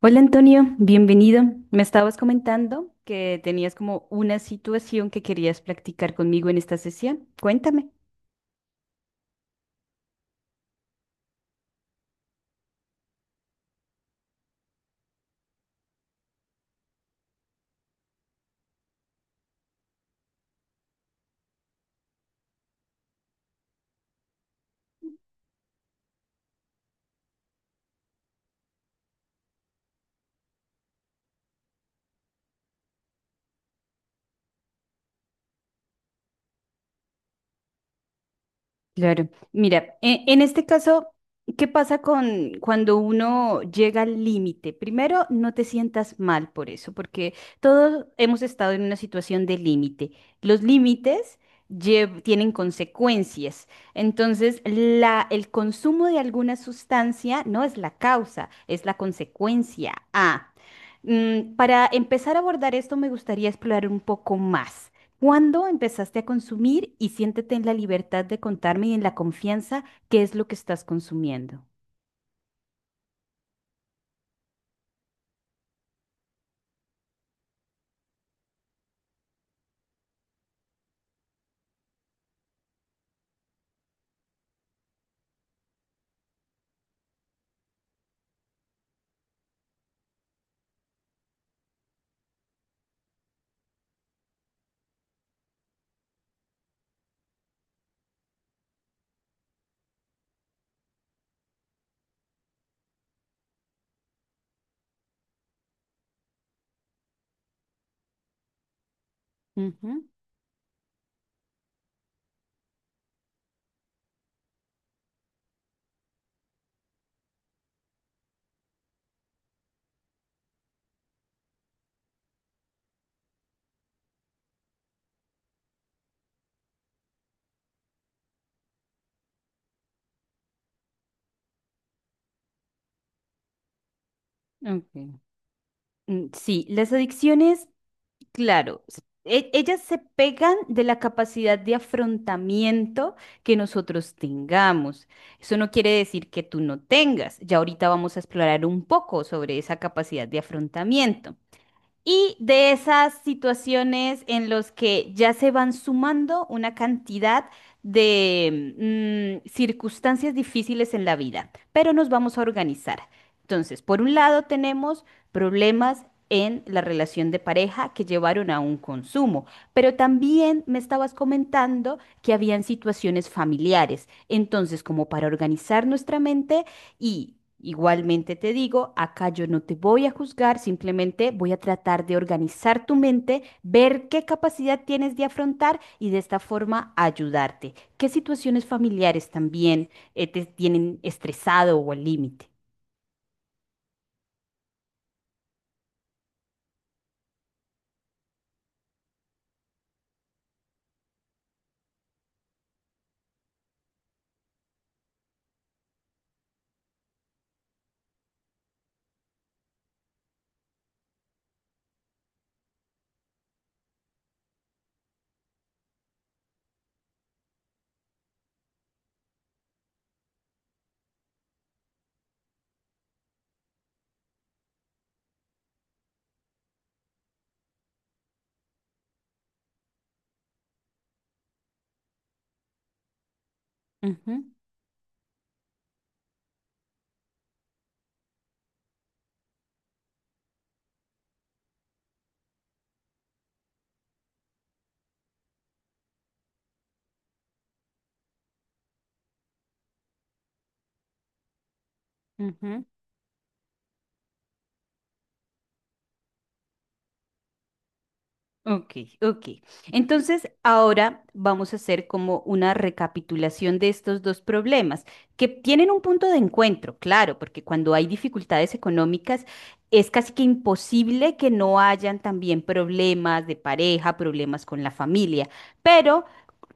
Hola Antonio, bienvenido. Me estabas comentando que tenías como una situación que querías practicar conmigo en esta sesión. Cuéntame. Claro. Mira, en este caso, ¿qué pasa con cuando uno llega al límite? Primero, no te sientas mal por eso, porque todos hemos estado en una situación de límite. Los límites tienen consecuencias. Entonces, el consumo de alguna sustancia no es la causa, es la consecuencia. Para empezar a abordar esto, me gustaría explorar un poco más. ¿Cuándo empezaste a consumir y siéntete en la libertad de contarme y en la confianza qué es lo que estás consumiendo? Ujú, ok. Sí, las adicciones, claro, ellas se pegan de la capacidad de afrontamiento que nosotros tengamos. Eso no quiere decir que tú no tengas. Ya ahorita vamos a explorar un poco sobre esa capacidad de afrontamiento. Y de esas situaciones en los que ya se van sumando una cantidad de circunstancias difíciles en la vida, pero nos vamos a organizar. Entonces, por un lado tenemos problemas en la relación de pareja que llevaron a un consumo, pero también me estabas comentando que habían situaciones familiares. Entonces, como para organizar nuestra mente, y igualmente te digo, acá yo no te voy a juzgar, simplemente voy a tratar de organizar tu mente, ver qué capacidad tienes de afrontar y de esta forma ayudarte. ¿Qué situaciones familiares también te tienen estresado o al límite? Ujú, ujú. Ok, ok. Entonces, ahora vamos a hacer como una recapitulación de estos dos problemas, que tienen un punto de encuentro, claro, porque cuando hay dificultades económicas es casi que imposible que no hayan también problemas de pareja, problemas con la familia, pero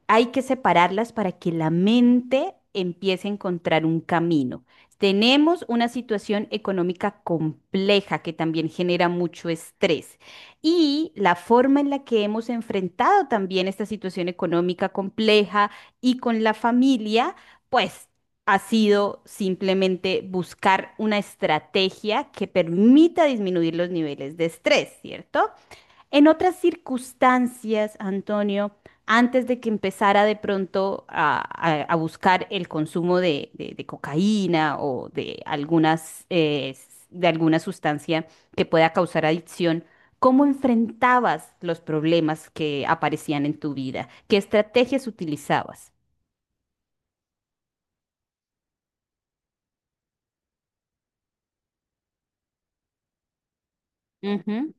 hay que separarlas para que la mente empiece a encontrar un camino. Tenemos una situación económica compleja que también genera mucho estrés y la forma en la que hemos enfrentado también esta situación económica compleja y con la familia, pues ha sido simplemente buscar una estrategia que permita disminuir los niveles de estrés, ¿cierto? En otras circunstancias, Antonio, antes de que empezara de pronto a, a buscar el consumo de, de cocaína o de algunas, de alguna sustancia que pueda causar adicción, ¿cómo enfrentabas los problemas que aparecían en tu vida? ¿Qué estrategias utilizabas? Ujú,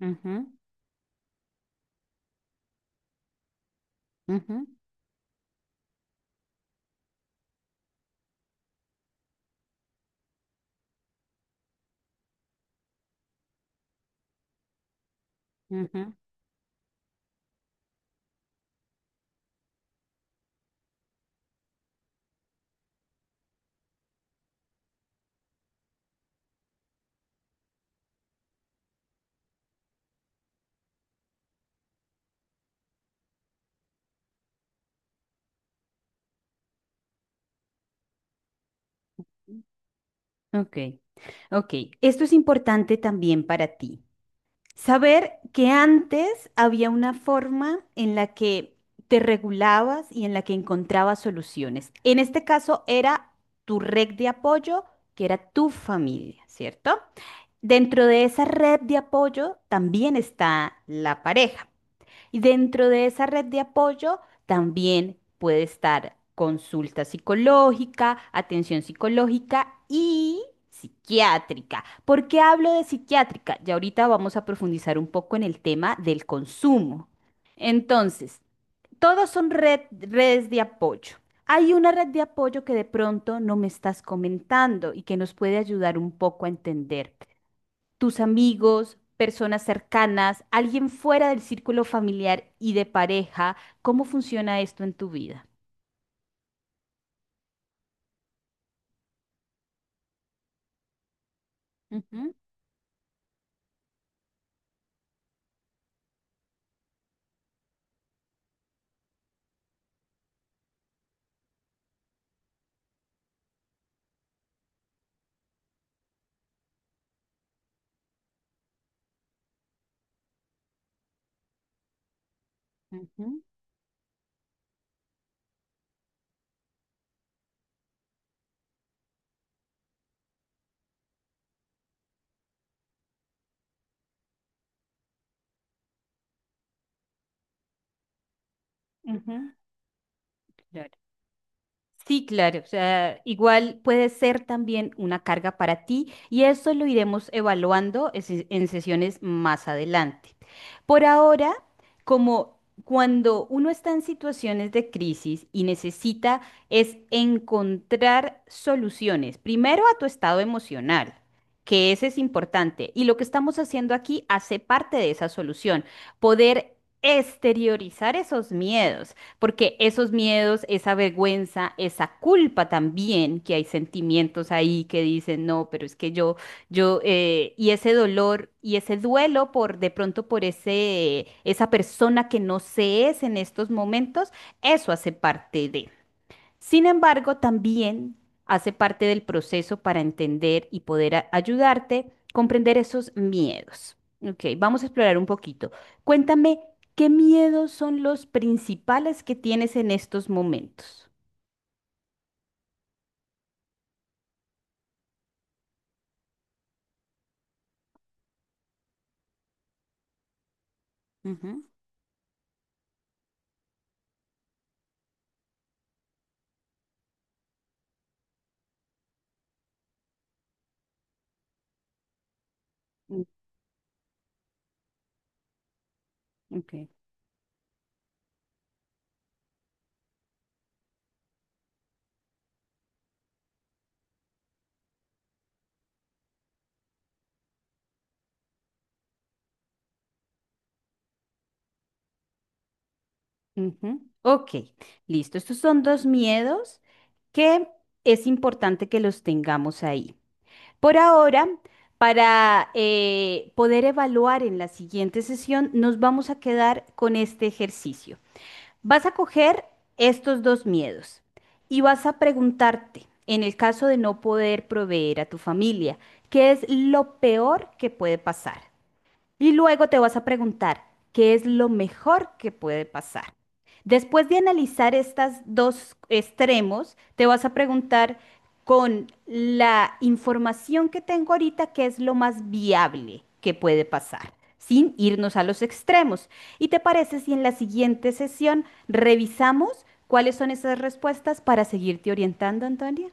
ujú, ujú, ujú. Ok, ok. Esto es importante también para ti. Saber que antes había una forma en la que te regulabas y en la que encontrabas soluciones. En este caso era tu red de apoyo, que era tu familia, ¿cierto? Dentro de esa red de apoyo también está la pareja. Y dentro de esa red de apoyo también puede estar consulta psicológica, atención psicológica y psiquiátrica. ¿Por qué hablo de psiquiátrica? Ya ahorita vamos a profundizar un poco en el tema del consumo. Entonces, todos son redes de apoyo. Hay una red de apoyo que de pronto no me estás comentando y que nos puede ayudar un poco a entender tus amigos, personas cercanas, alguien fuera del círculo familiar y de pareja, ¿cómo funciona esto en tu vida? Ujú, ujú, ujú. Claro. Sí, claro, o sea, igual puede ser también una carga para ti y eso lo iremos evaluando en en sesiones más adelante. Por ahora, como cuando uno está en situaciones de crisis y necesita es encontrar soluciones, primero a tu estado emocional, que ese es importante y lo que estamos haciendo aquí hace parte de esa solución, poder exteriorizar esos miedos porque esos miedos, esa vergüenza, esa culpa también, que hay sentimientos ahí que dicen, no, pero es que yo, y ese dolor y ese duelo por de pronto por esa persona que no se es en estos momentos, eso hace parte de. Sin embargo, también hace parte del proceso para entender y poder ayudarte comprender esos miedos. Ok, vamos a explorar un poquito. Cuéntame, ¿qué miedos son los principales que tienes en estos momentos? Ujú. Mm, Ok, ujú, ok, listo. Estos son dos miedos que es importante que los tengamos ahí. Por ahora, para poder evaluar en la siguiente sesión, nos vamos a quedar con este ejercicio. Vas a coger estos dos miedos y vas a preguntarte, en el caso de no poder proveer a tu familia, ¿qué es lo peor que puede pasar? Y luego te vas a preguntar, ¿qué es lo mejor que puede pasar? Después de analizar estos dos extremos, te vas a preguntar con la información que tengo ahorita, ¿qué es lo más viable que puede pasar? Sin irnos a los extremos. ¿Y te parece si en la siguiente sesión revisamos cuáles son esas respuestas para seguirte orientando, Antonia?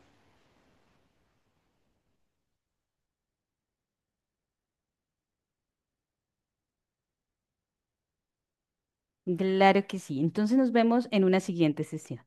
Claro que sí. Entonces nos vemos en una siguiente sesión.